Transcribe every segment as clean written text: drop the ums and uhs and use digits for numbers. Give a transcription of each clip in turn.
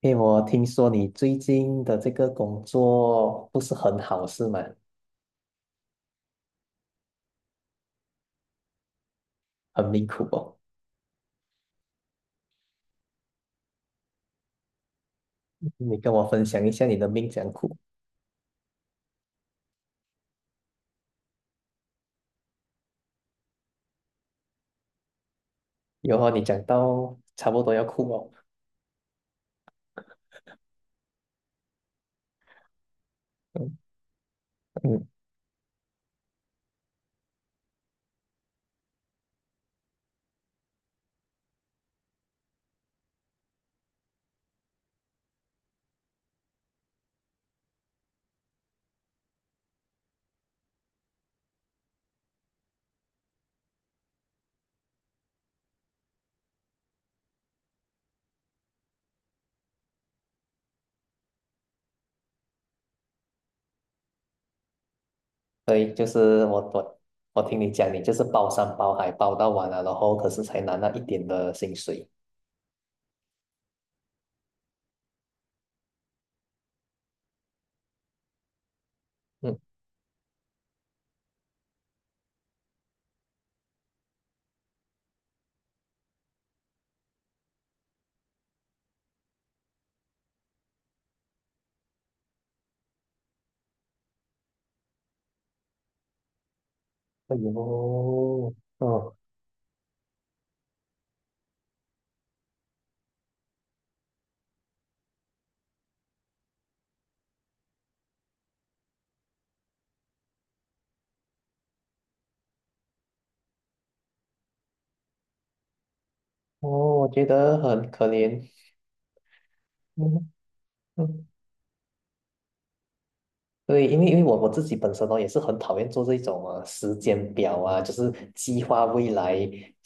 因为我听说你最近的这个工作不是很好，是吗？很命苦哦。你跟我分享一下你的命怎样苦？有哦，你讲到差不多要哭哦。嗯嗯，对，就是我听你讲，你就是包山包海包到完了，然后可是才拿那一点的薪水。嗯，哎呦，哦哦，我觉得很可怜。嗯嗯对，因为因为我自己本身呢也是很讨厌做这种啊时间表啊，就是计划未来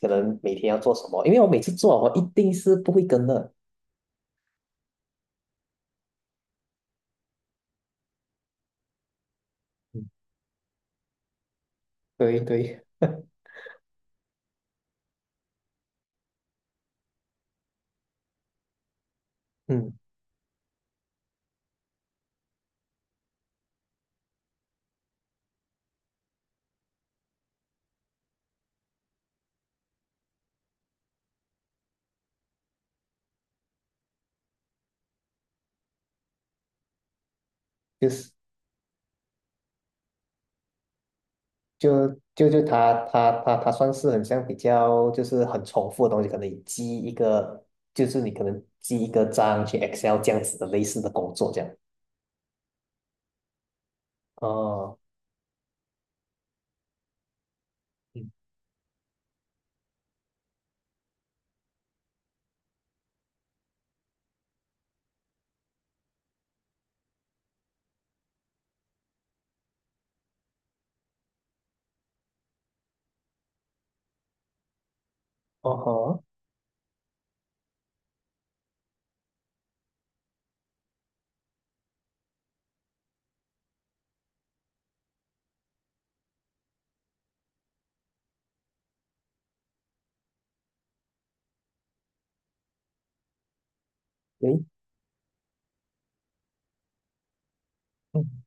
可能每天要做什么，因为我每次做哦我一定是不会跟的。嗯，对对，嗯，就是就就就他他他他算是很像比较就是很重复的东西，可能你记一个就是你可能记一个章去 Excel 这样子的类似的工作这样。哦，嗯，哦吼，诶，嗯，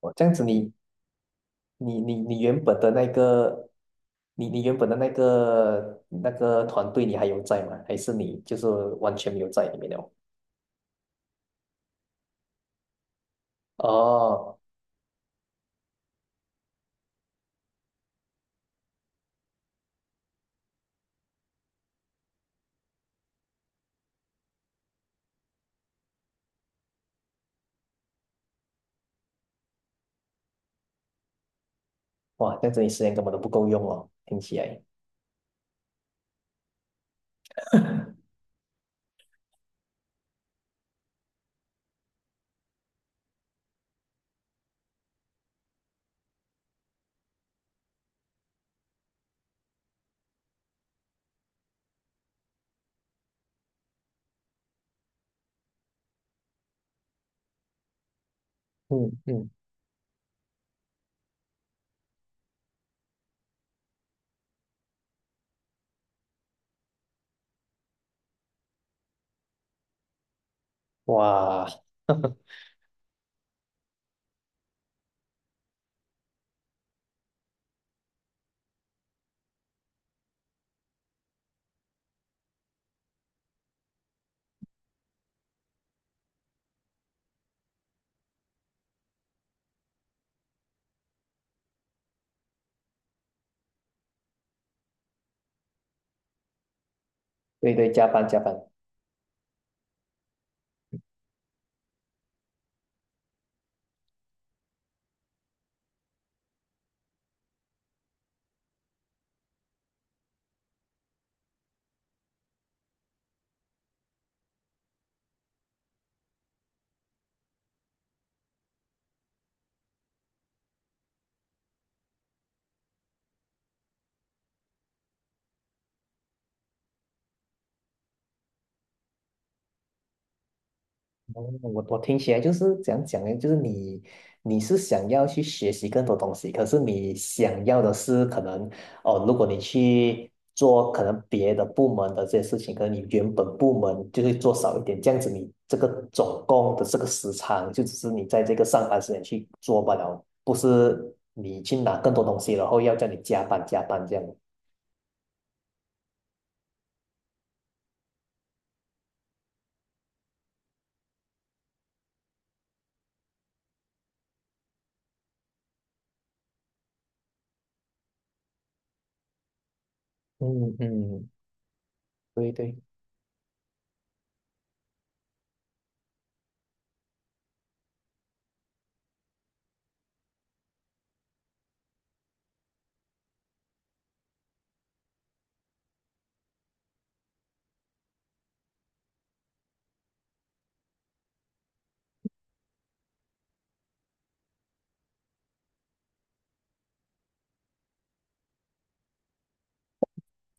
哦这样子你原本的那个，你原本的那个那个团队，你还有在吗？还是你就是完全没有在里面了？哦，哇，这样子你时间根本都不够用哦，听起来。嗯嗯，哇，对对，加班加班。哦我听起来就是怎样讲呢？就是你你是想要去学习更多东西，可是你想要的是可能哦，如果你去做可能别的部门的这些事情，可能你原本部门就会做少一点，这样子你这个总共的这个时长就只是你在这个上班时间去做罢了，不是你去拿更多东西，然后要叫你加班加班这样。嗯嗯，对对。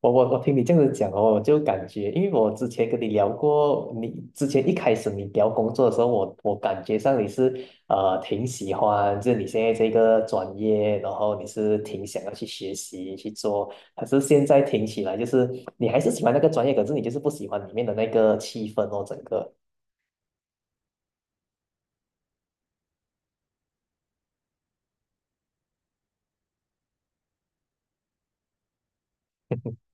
我听你这样子讲哦，我就感觉，因为我之前跟你聊过，你之前一开始你聊工作的时候，我感觉上你是挺喜欢，就是你现在这个专业，然后你是挺想要去学习去做，可是现在听起来就是你还是喜欢那个专业，可是你就是不喜欢里面的那个气氛哦，整个。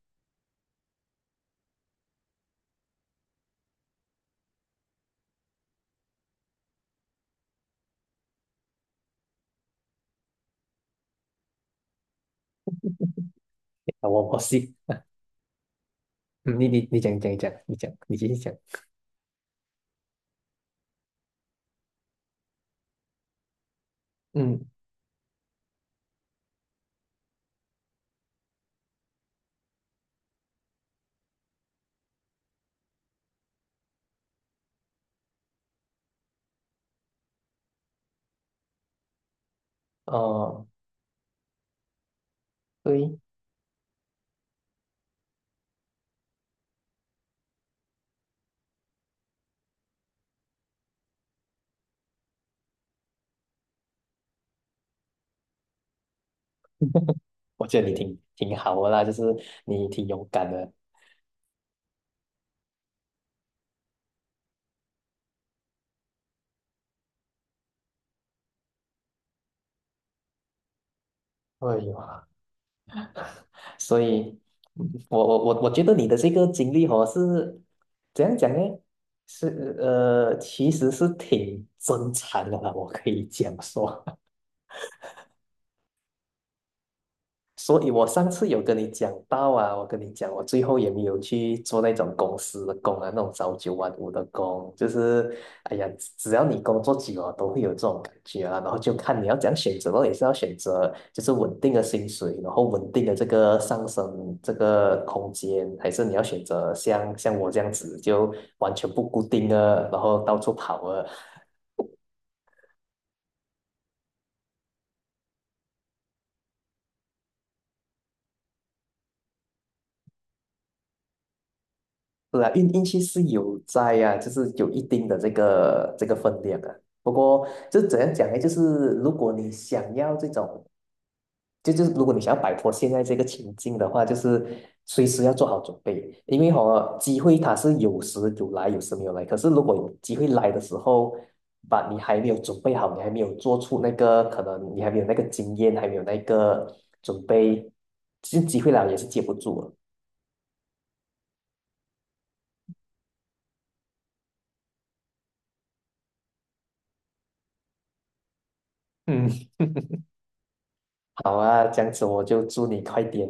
我我是，嗯你讲你继续讲。嗯，哦，对，我觉得你挺好的啦，就是你挺勇敢的。哎呦。所以，嗯我觉得你的这个经历哦是怎样讲呢？是，其实是挺真诚的啦，我可以讲说。所以我上次有跟你讲到啊，我跟你讲，我最后也没有去做那种公司的工啊，那种朝九晚五的工，就是哎呀，只要你工作久了，都会有这种感觉啊。然后就看你要怎样选择咯，也是要选择就是稳定的薪水，然后稳定的这个上升这个空间，还是你要选择像我这样子就完全不固定啊，然后到处跑啊。是啊，运气是有在啊，就是有一定的这个这个分量啊。不过就是怎样讲呢？就是如果你想要这种，就是如果你想要摆脱现在这个情境的话，就是随时要做好准备，因为哦，机会它是有时有来，有时没有来。可是如果有机会来的时候，把你还没有准备好，你还没有做出那个可能，你还没有那个经验，还没有那个准备，其实机会来了也是接不住了。嗯好啊，这样子我就祝你快点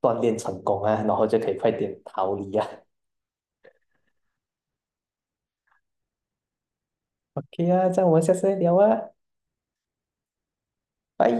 锻炼成功啊，然后就可以快点逃离啊。OK 啊，这样我们下次再聊啊，拜。